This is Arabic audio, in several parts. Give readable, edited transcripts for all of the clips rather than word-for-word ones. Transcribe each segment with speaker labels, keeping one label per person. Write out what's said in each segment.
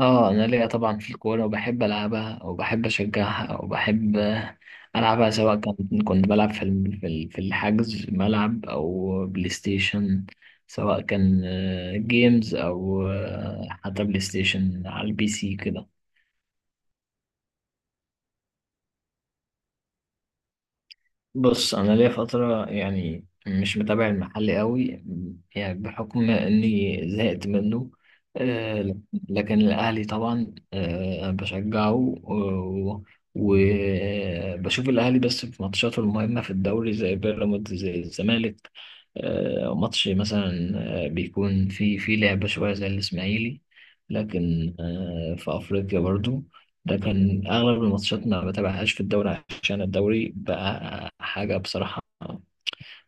Speaker 1: اه انا ليا طبعا في الكوره، وبحب العبها وبحب اشجعها وبحب العبها سواء كان كنت بلعب في في الحجز ملعب او بلاي ستيشن، سواء كان جيمز او حتى بلاي ستيشن على البي سي كده. بص، انا ليا فتره يعني مش متابع المحل قوي، يعني بحكم اني زهقت منه. آه، لكن الاهلي طبعا وبشوف الاهلي بس في ماتشاته المهمه في الدوري، زي بيراميدز، زي الزمالك. ماتش مثلا بيكون في لعبه شويه زي الاسماعيلي، لكن في افريقيا برضو. لكن اغلب الماتشات ما بتابعهاش في الدوري، عشان الدوري بقى حاجة بصراحة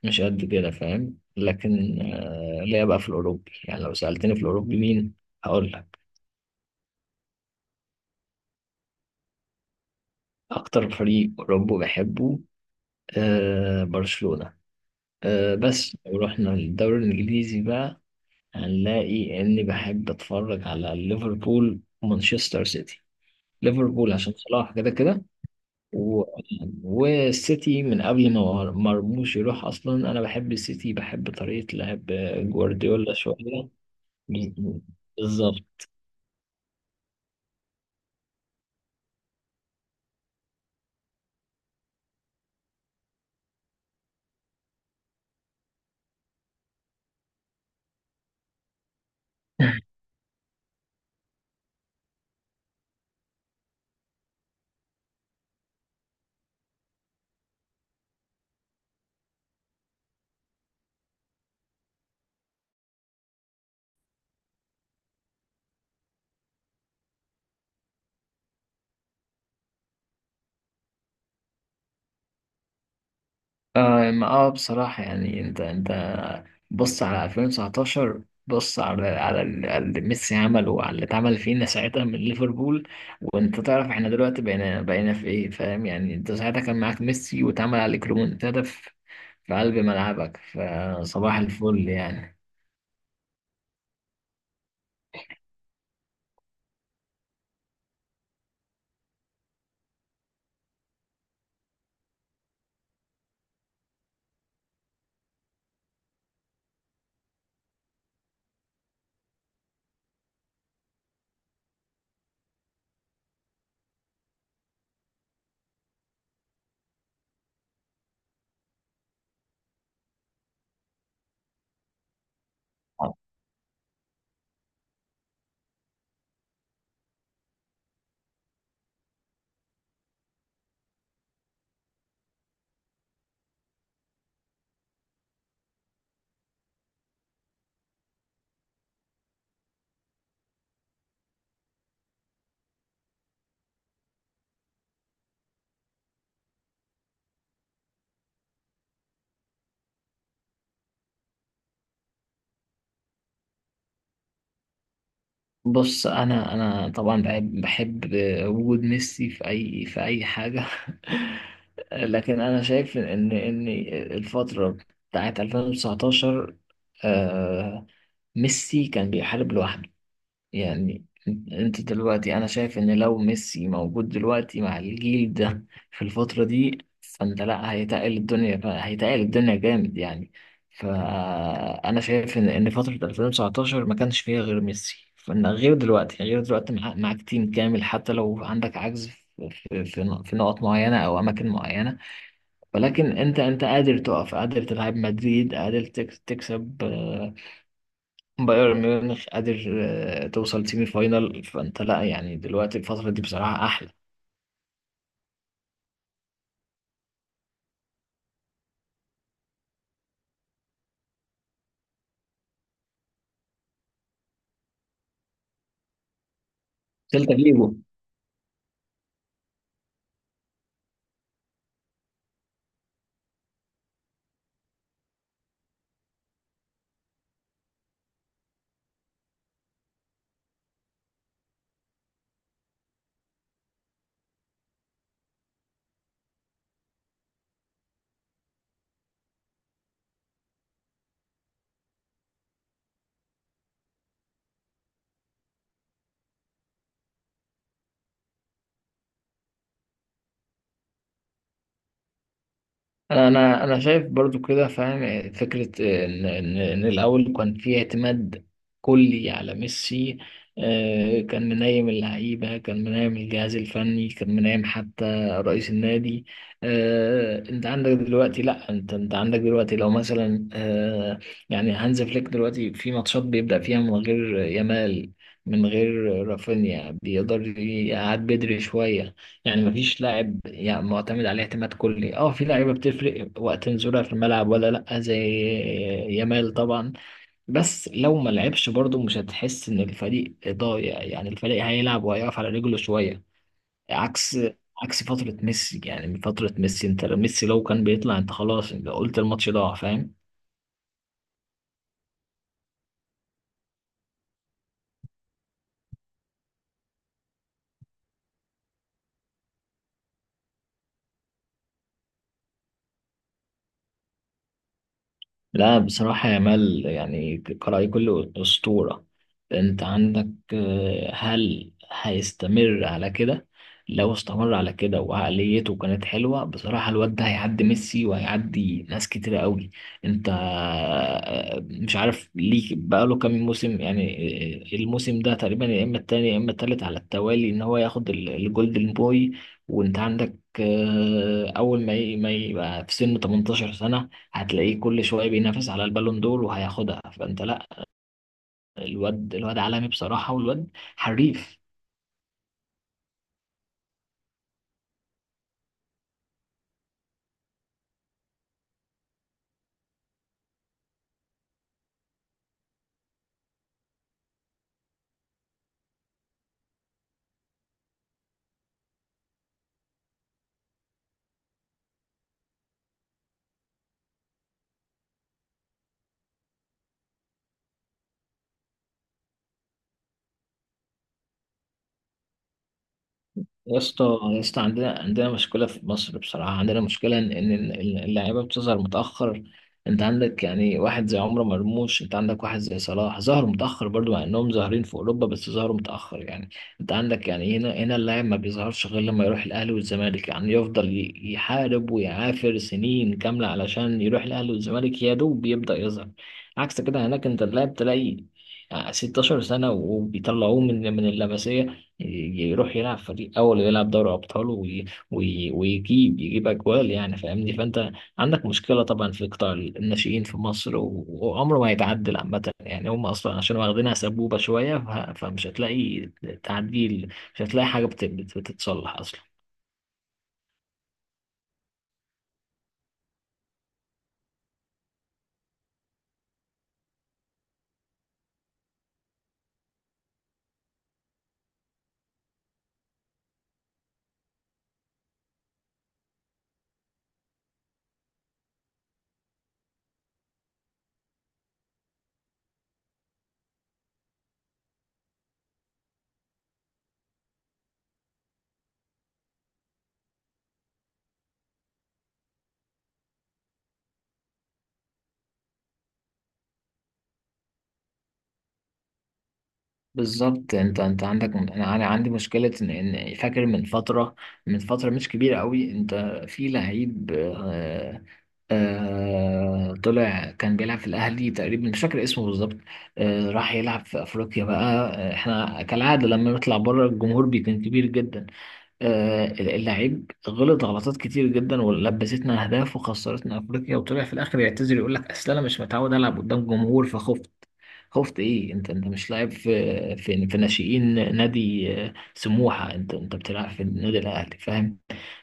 Speaker 1: مش قد كده، فاهم؟ لكن ليا بقى في الأوروبي. يعني لو سألتني في الأوروبي مين، هقول لك أكتر فريق أوروبي بحبه برشلونة. بس لو رحنا للدوري الإنجليزي بقى، هنلاقي إني بحب أتفرج على ليفربول ومانشستر سيتي. ليفربول عشان صلاح كده كده، و... والسيتي من قبل ما مرموش يروح اصلا. انا بحب السيتي، بحب طريقة لعب جوارديولا شوية. بالظبط. آه ما اه بصراحة يعني انت بص على 2019، بص على اللي ميسي عمله وعلى اللي اتعمل فينا ساعتها من ليفربول. وانت تعرف احنا دلوقتي بقينا في ايه، فاهم؟ يعني انت ساعتها كان معاك ميسي، واتعمل عليك ريمونتادا في في قلب ملعبك، فصباح الفل يعني. بص، انا طبعا بحب وجود ميسي في في اي حاجه. لكن انا شايف ان الفتره بتاعت 2019، آه، ميسي كان بيحارب لوحده يعني. انت دلوقتي انا شايف ان لو ميسي موجود دلوقتي مع الجيل ده في الفترة دي، فانت لا، هيتقل الدنيا، هيتقل الدنيا جامد يعني. فانا شايف ان فترة 2019 ما كانش فيها غير ميسي، فان غير دلوقتي، غير دلوقتي معاك تيم كامل. حتى لو عندك عجز في في نقط معينة او اماكن معينة، ولكن انت، انت قادر تقف، قادر تلعب مدريد، قادر تكسب بايرن ميونخ، قادر توصل سيمي فاينال. فانت لا، يعني دلوقتي الفترة دي بصراحة احلى. سيلتا فيجو. انا شايف برضو كده، فاهم فكره ان إن الاول كان في اعتماد كلي على ميسي. كان منايم اللعيبه، كان منايم الجهاز الفني، كان منايم حتى رئيس النادي. انت عندك دلوقتي لا، انت عندك دلوقتي لو مثلا يعني هانز فليك دلوقتي في ماتشات بيبدا فيها من غير يامال، من غير رافينيا، بيقدر يقعد بدري شويه. يعني مفيش لاعب يعني معتمد عليه اعتماد كلي. اه، في لعيبه بتفرق وقت نزولها في الملعب ولا لا، زي يامال طبعا، بس لو ما لعبش برضه مش هتحس ان الفريق ضايع. يعني الفريق هيلعب وهيقف على رجله شويه، عكس، عكس فتره ميسي. يعني من فتره ميسي انت، ميسي لو كان بيطلع انت خلاص، انت قلت الماتش ضاع، فاهم؟ لا بصراحة يا مال يعني قرأي كله أسطورة. أنت عندك هل هيستمر على كده؟ لو استمر على كده وعقليته كانت حلوة، بصراحة الواد ده هيعدي ميسي وهيعدي ناس كتيرة قوي. أنت مش عارف ليه بقاله كام موسم يعني الموسم ده تقريبا، يا إما التاني يا إما التالت على التوالي، إن هو ياخد الجولدن بوي. وأنت عندك أول ما يبقى في سن 18 سنة، هتلاقيه كل شويه بينافس على البالون دور وهياخدها. فانت لا، الواد، الواد عالمي بصراحه، والواد حريف. يا اسطى، يا اسطى، عندنا مشكلة في مصر، بصراحة عندنا مشكلة إن إن اللاعيبة بتظهر متأخر. أنت عندك يعني واحد زي عمر مرموش، أنت عندك واحد زي صلاح، ظهروا متأخر برضو، مع إنهم ظاهرين في أوروبا، بس ظهروا متأخر يعني. أنت عندك يعني هنا اللاعب ما بيظهرش غير لما يروح الأهلي والزمالك. يعني يفضل يحارب ويعافر سنين كاملة علشان يروح الأهلي والزمالك، يا دوب يبدأ يظهر. عكس كده هناك، أنت اللاعب تلاقي 16 سنة وبيطلعوه من اللمسية، يروح يلعب فريق اول ويلعب دوري ابطال، ويجيب، يجيب اجوال يعني، فاهمني؟ فانت عندك مشكله طبعا في قطاع الناشئين في مصر، وعمره ما هيتعدل عامه. يعني هم اصلا عشان واخدينها سبوبه شويه، فمش هتلاقي تعديل، مش هتلاقي حاجه بتتصلح اصلا. بالظبط. انت عندك، انا عندي مشكله ان فاكر من فتره، من فتره مش كبيره قوي، انت في لعيب طلع، كان بيلعب في الاهلي تقريبا، مش فاكر اسمه بالظبط، راح يلعب في افريقيا بقى. احنا كالعاده لما نطلع بره الجمهور بيكون كبير جدا. اللعيب غلط غلطات كتير جدا، ولبستنا اهداف، وخسرتنا افريقيا، وطلع في الاخر يعتذر يقول لك اصل انا مش متعود العب قدام جمهور فخفت. خفت ايه؟ انت، انت مش لاعب في في ناشئين نادي سموحه، انت انت بتلعب في النادي الاهلي، فاهم؟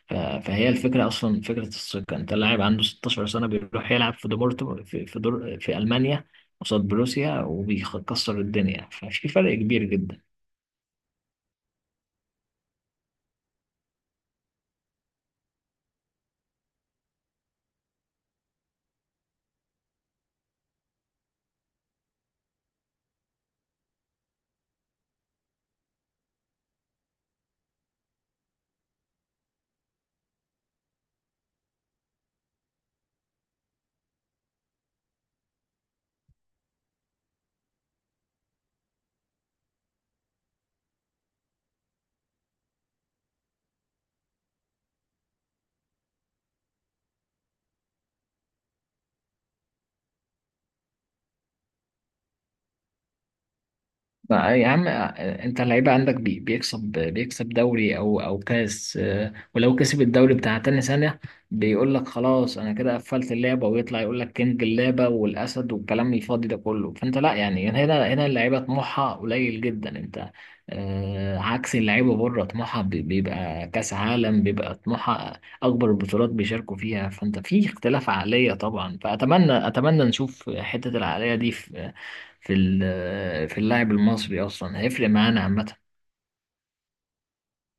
Speaker 1: فهي الفكره اصلا فكره الثقه. انت لاعب عنده 16 سنه بيروح يلعب في دورتموند، دور في المانيا قصاد بروسيا وبيكسر الدنيا، ففي فرق كبير جدا. يا عم، انت اللعيبه عندك بيكسب دوري او كاس ولو كسب الدوري بتاع تاني سنه بيقول لك خلاص انا كده قفلت اللعبه، ويطلع يقول لك كينج اللعبه والاسد والكلام الفاضي ده كله. فانت لا، يعني هنا اللعيبه طموحها قليل جدا. انت عكس اللعيبه بره، طموحها بيبقى كاس عالم، بيبقى طموحها اكبر البطولات بيشاركوا فيها. فانت في اختلاف عقليه طبعا، اتمنى نشوف حته العقليه دي في في اللاعب المصري اصلا، هيفرق معانا عامه.